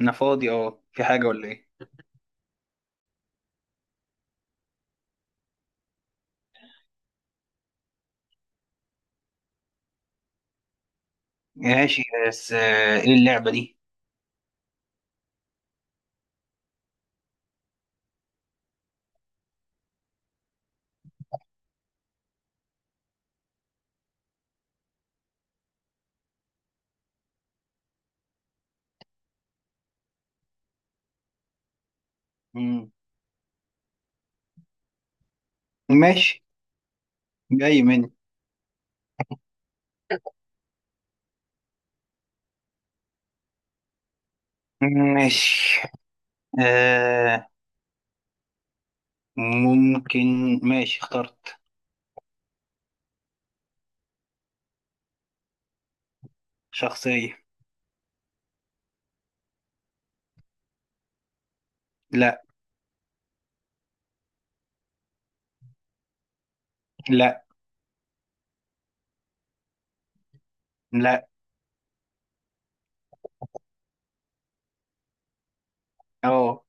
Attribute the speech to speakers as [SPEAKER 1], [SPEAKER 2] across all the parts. [SPEAKER 1] انا فاضي، اه، في حاجة ولا ايه؟ ماشي. بس ايه اللعبة دي؟ مم. ماشي. جاي مني. ماشي. آه. ممكن. ماشي، اخترت. شخصية. لا. لا. لا. اه.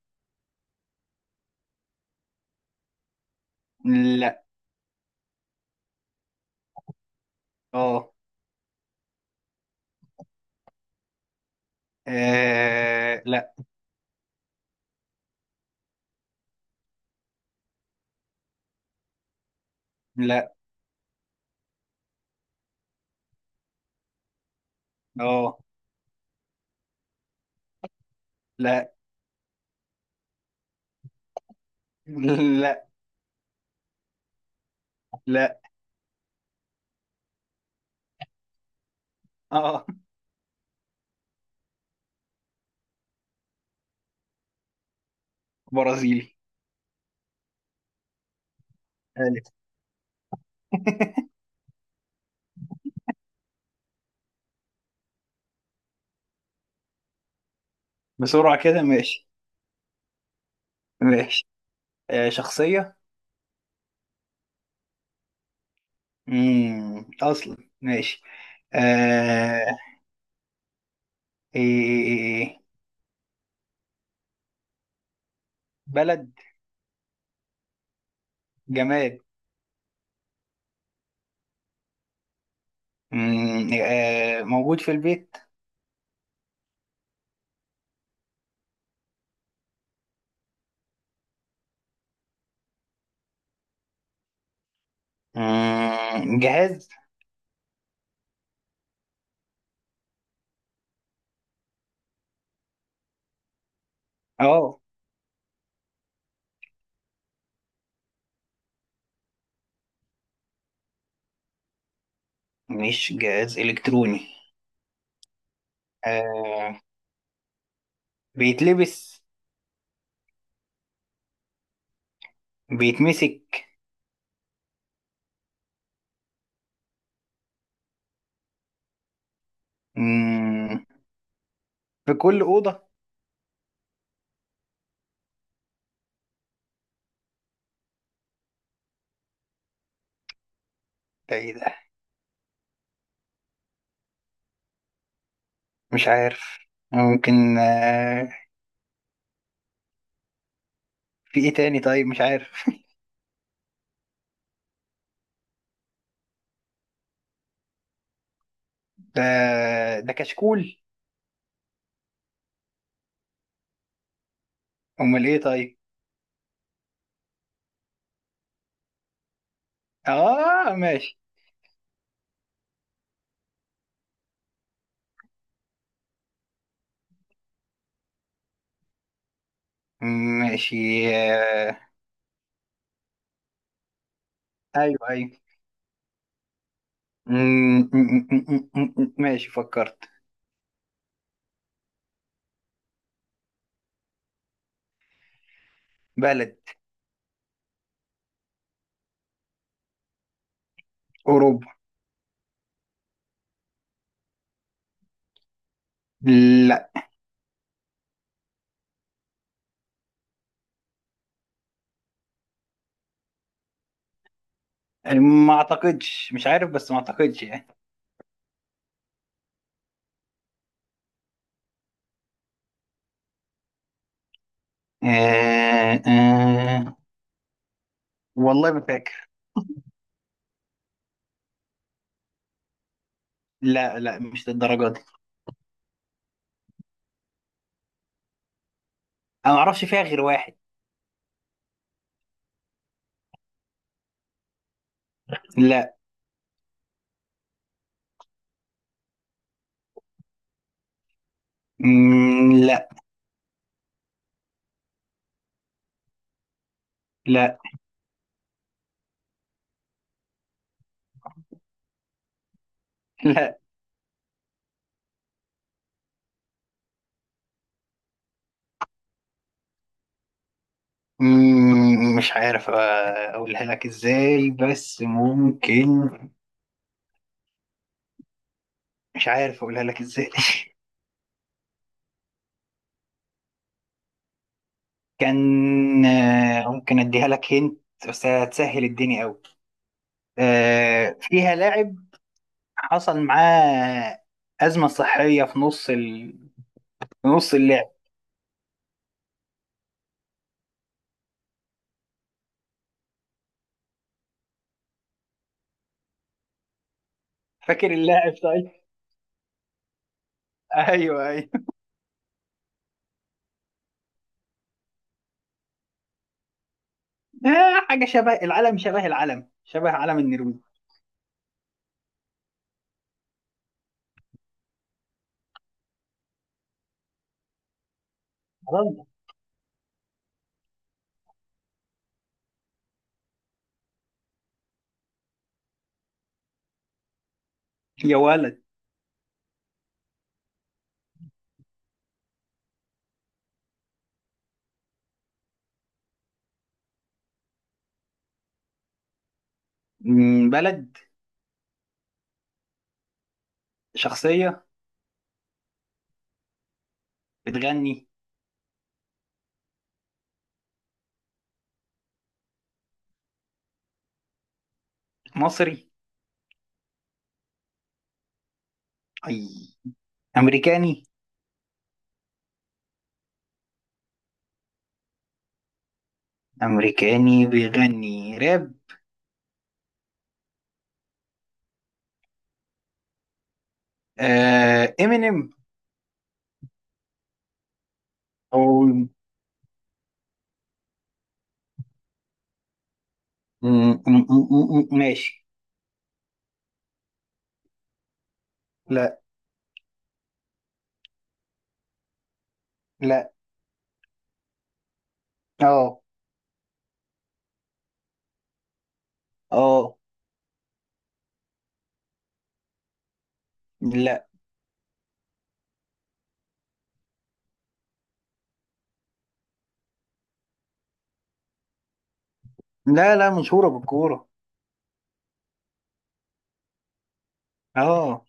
[SPEAKER 1] لا. اه. آه، لا. لا. اه. لا. لا. لا. اه. برازيلي. ألف. بسرعة كده، ماشي. ماشي. آه، شخصية. مم. أصلا. ماشي. آه. إيه، إيه، إيه، إيه. إيه. بلد. جماد. موجود في البيت. جهاز. اه. مش جهاز إلكتروني. آه، بيتلبس. بيتمسك. مم، في كل أوضة. ده إيه ده؟ مش عارف. ممكن. في إيه تاني؟ طيب، مش عارف. ده ده كشكول. أمال إيه؟ طيب. آه، ماشي. ماشي. آه، أيوه، أيوه. ماشي، فكرت. بلد. أوروبا. لا. ما أعتقدش، مش عارف، بس ما أعتقدش يعني. آه، آه. والله ما فاكر. لا، لا، مش للدرجة دي. أنا ما أعرفش فيها غير واحد. لا. لا. لا. لا. مش عارف أقولها لك إزاي، بس ممكن. مش عارف أقولها لك إزاي. كان. ممكن أديها لك هنت. بس هتسهل الدنيا أوي. فيها لاعب. حصل معاه أزمة صحية في نص اللعب. فاكر اللاعب؟ طيب. ايوه، ايوه. حاجة شبه العلم، شبه العلم، شبه علم النرويج. خلاص. يا ولد. بلد. شخصية. بتغني. مصري؟ أي. أمريكاني؟ أمريكاني بيغني راب. آه، إمينيم. أو. مم، ماشي. لا. لا. اه. اه. لا، لا، لا مشهورة بالكورة. اه.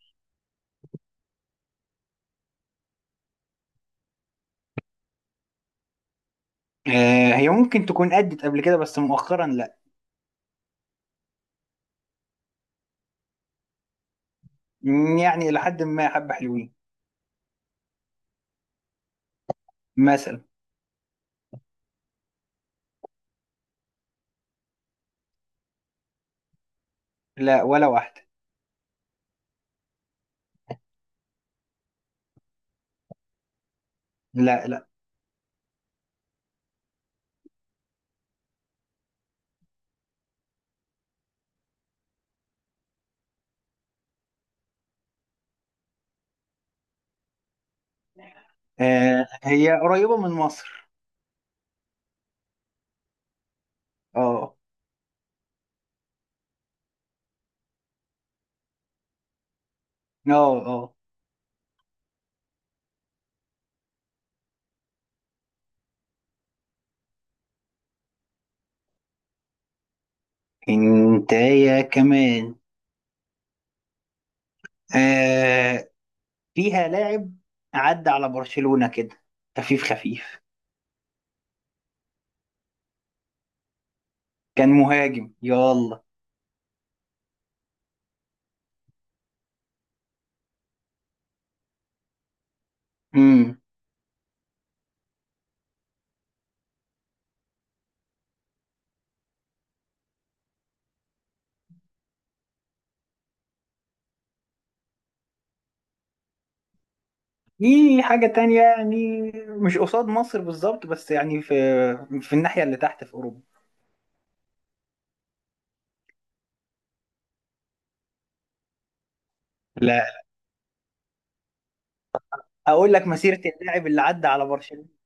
[SPEAKER 1] هي ممكن تكون أدت قبل كده، بس مؤخرا لا. يعني إلى حد ما حبة حلوين. مثلا. لا، ولا واحدة. لا، لا. هي قريبة من مصر. اه. اه، اه. انت يا كمان؟ آه، فيها لاعب عدى على برشلونة كده. خفيف، خفيف. كان مهاجم، يلا. امم في حاجة تانية يعني. مش قصاد مصر بالظبط، بس يعني في الناحية اللي تحت في أوروبا. لا. اقول لك مسيرة اللاعب اللي عدى على برشلونة.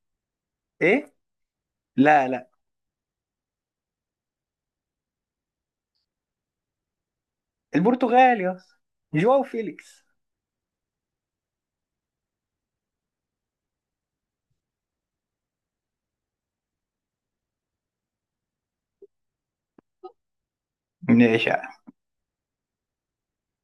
[SPEAKER 1] ايه. لا، لا. البرتغال يا اسطى. جواو فيليكس. نعشة